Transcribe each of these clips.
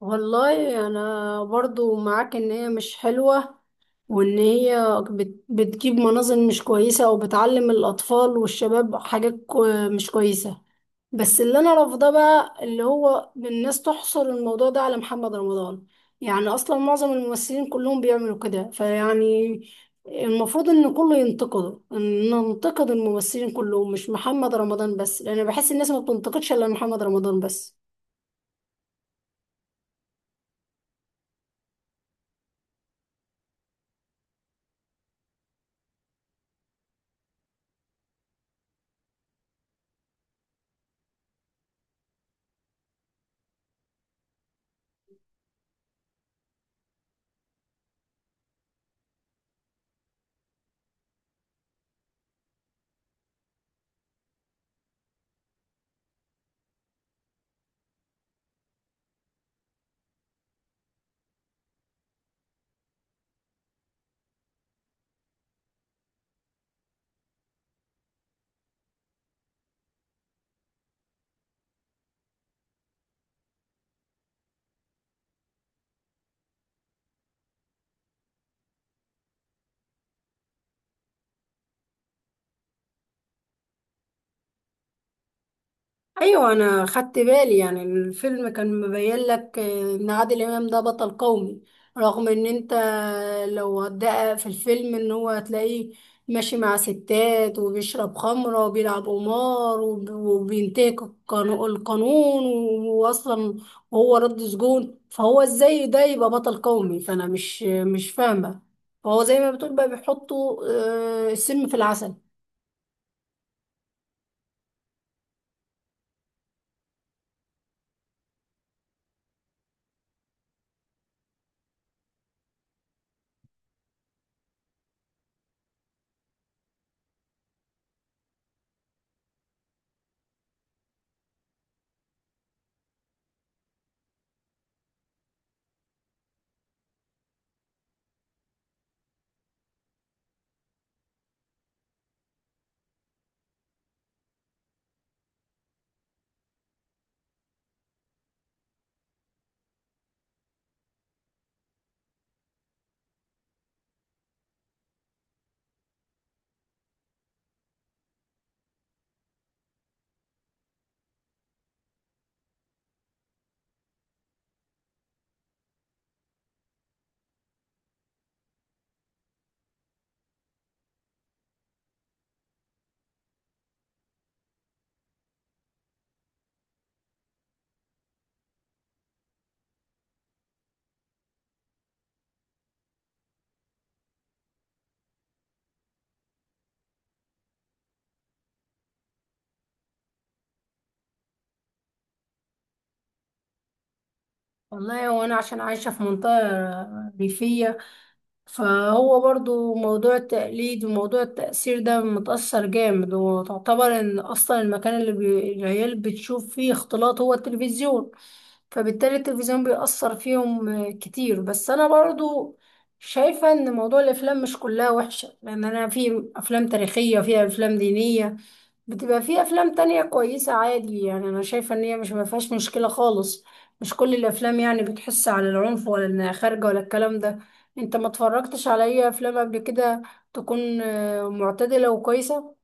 والله انا برضو معاك ان هي مش حلوة، وان هي بتجيب مناظر مش كويسة، او بتعلم الاطفال والشباب حاجات مش كويسة. بس اللي انا رافضاه بقى اللي هو الناس تحصر الموضوع ده على محمد رمضان. يعني اصلا معظم الممثلين كلهم بيعملوا كده، فيعني المفروض ان كله ينتقده، ان ننتقد الممثلين كلهم مش محمد رمضان بس، لان بحس الناس ما بتنتقدش الا محمد رمضان بس. ايوه انا خدت بالي، يعني الفيلم كان مبين لك ان عادل امام ده بطل قومي، رغم ان انت لو هتدقق في الفيلم ان هو هتلاقيه ماشي مع ستات، وبيشرب خمرة، وبيلعب قمار، وبينتهك القانون. واصلا وهو رد سجون، فهو ازاي ده يبقى بطل قومي؟ فانا مش فاهمة. فهو زي ما بتقول بقى بيحطوا السم في العسل. والله وانا عشان عايشة في منطقة ريفية، فهو برضو موضوع التقليد وموضوع التأثير ده متأثر جامد. وتعتبر ان اصلا المكان اللي العيال بتشوف فيه اختلاط هو التلفزيون، فبالتالي التلفزيون بيأثر فيهم كتير. بس انا برضو شايفة ان موضوع الافلام مش كلها وحشة، لان انا في افلام تاريخية، فيها افلام دينية، بتبقى في افلام تانية كويسة عادي. يعني انا شايفة ان هي مش ما فيهاش مشكلة خالص، مش كل الافلام يعني بتحس على العنف، ولا انها خارجه، ولا الكلام ده. انت ما اتفرجتش على اي افلام قبل كده تكون معتدله وكويسه؟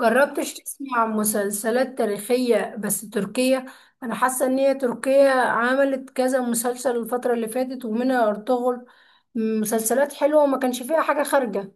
جربتش تسمع عن مسلسلات تاريخيه بس تركية؟ انا حاسه ان هي تركيا عملت كذا مسلسل الفتره اللي فاتت، ومنها ارطغرل، مسلسلات حلوه وما كانش فيها حاجه خارجه.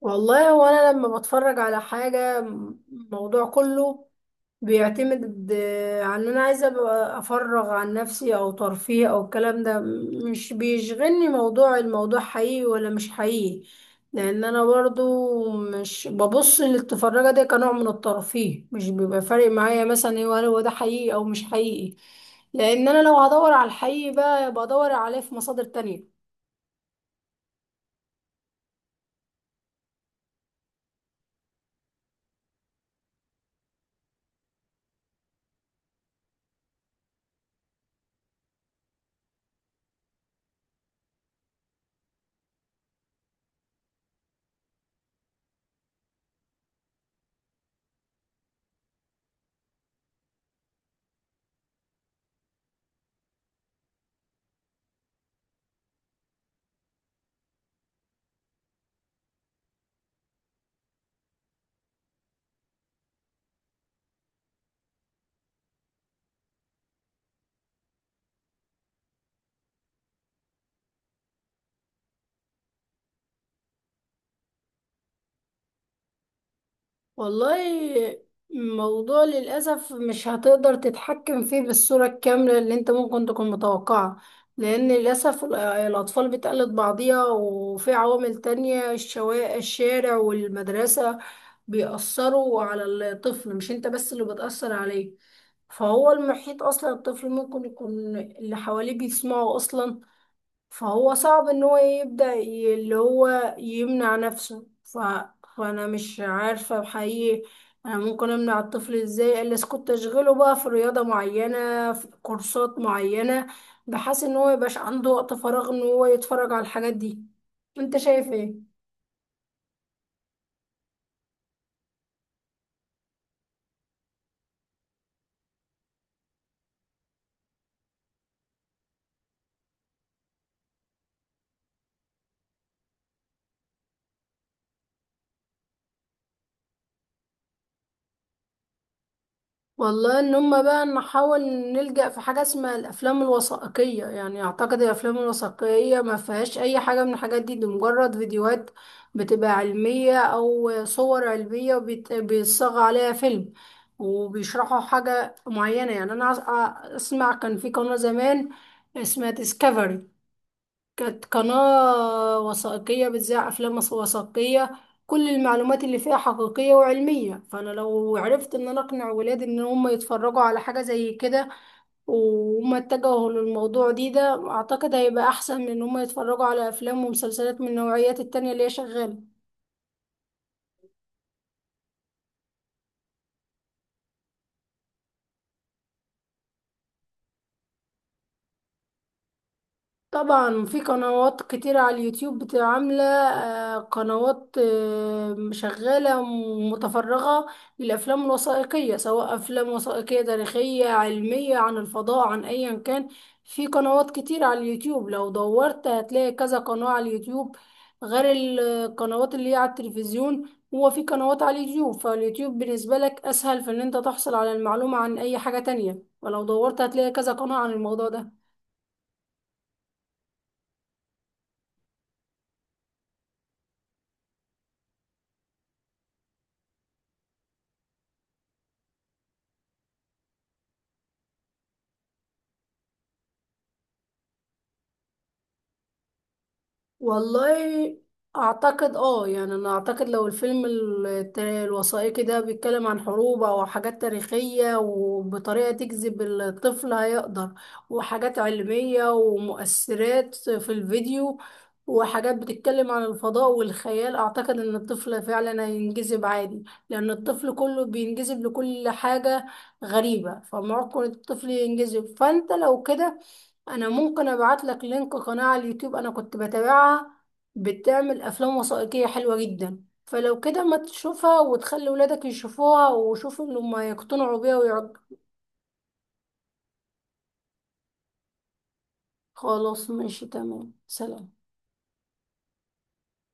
والله هو انا لما بتفرج على الموضوع كله بيعتمد على ان انا عايزه ابقى افرغ عن نفسي، او ترفيه، او الكلام ده. مش بيشغلني موضوع الموضوع حقيقي ولا مش حقيقي، لان انا برضو مش ببص للتفرجه ده كنوع من الترفيه. مش بيبقى فارق معايا مثلا ايه، هل هو ده حقيقي او مش حقيقي، لان انا لو هدور على الحقيقي بقى بدور عليه في مصادر تانية. والله الموضوع للأسف مش هتقدر تتحكم فيه بالصورة الكاملة اللي انت ممكن تكون متوقعة، لأن للأسف الأطفال بتقلد بعضيها، وفي عوامل تانية، الشارع والمدرسة بيأثروا على الطفل. مش انت بس اللي بتأثر عليه، فهو المحيط أصلا الطفل ممكن يكون اللي حواليه بيسمعه أصلا. فهو صعب ان هو يبدأ اللي هو يمنع نفسه فانا مش عارفة بحقيقي. انا ممكن امنع الطفل ازاي الا اسكت اشغله بقى في رياضة معينة، في كورسات معينة، بحيث ان هو ميبقاش عنده وقت فراغ ان هو يتفرج على الحاجات دي. انت شايف ايه؟ والله ان هم بقى نحاول نلجأ في حاجة اسمها الافلام الوثائقية. يعني اعتقد الافلام الوثائقية ما فيهاش اي حاجة من الحاجات دي، دي مجرد فيديوهات بتبقى علمية، او صور علمية وبيت- بيتصاغ عليها فيلم وبيشرحوا حاجة معينة. يعني انا اسمع كان في قناة زمان اسمها ديسكفري، كانت قناة وثائقية بتذاع أفلام وثائقية، كل المعلومات اللي فيها حقيقية وعلمية. فأنا لو عرفت إن أنا أقنع ولادي إن هم يتفرجوا على حاجة زي كده وهم اتجهوا للموضوع دي، ده أعتقد هيبقى أحسن من إن هم يتفرجوا على أفلام ومسلسلات من النوعيات التانية اللي هي شغالة. طبعا في قنوات كتير على اليوتيوب بتبقى عاملة قنوات شغالة متفرغة للأفلام الوثائقية، سواء أفلام وثائقية تاريخية، علمية، عن الفضاء، عن أيا كان. في قنوات كتير على اليوتيوب، لو دورت هتلاقي كذا قناة على اليوتيوب غير القنوات اللي هي على التلفزيون. هو في قنوات على اليوتيوب، فاليوتيوب بالنسبة لك أسهل في إن أنت تحصل على المعلومة عن أي حاجة تانية، ولو دورت هتلاقي كذا قناة عن الموضوع ده. والله اعتقد اه، يعني انا اعتقد لو الفيلم الوثائقي ده بيتكلم عن حروب او حاجات تاريخية وبطريقة تجذب الطفل هيقدر، وحاجات علمية ومؤثرات في الفيديو وحاجات بتتكلم عن الفضاء والخيال، اعتقد ان الطفل فعلا هينجذب عادي، لان الطفل كله بينجذب لكل حاجة غريبة. فممكن الطفل ينجذب، فانت لو كده انا ممكن ابعت لك لينك قناة على اليوتيوب انا كنت بتابعها، بتعمل افلام وثائقية حلوة جدا. فلو كده ما تشوفها وتخلي ولادك يشوفوها وشوفوا ان هم يقتنعوا بيها ويعج... خلاص ماشي، تمام، سلام.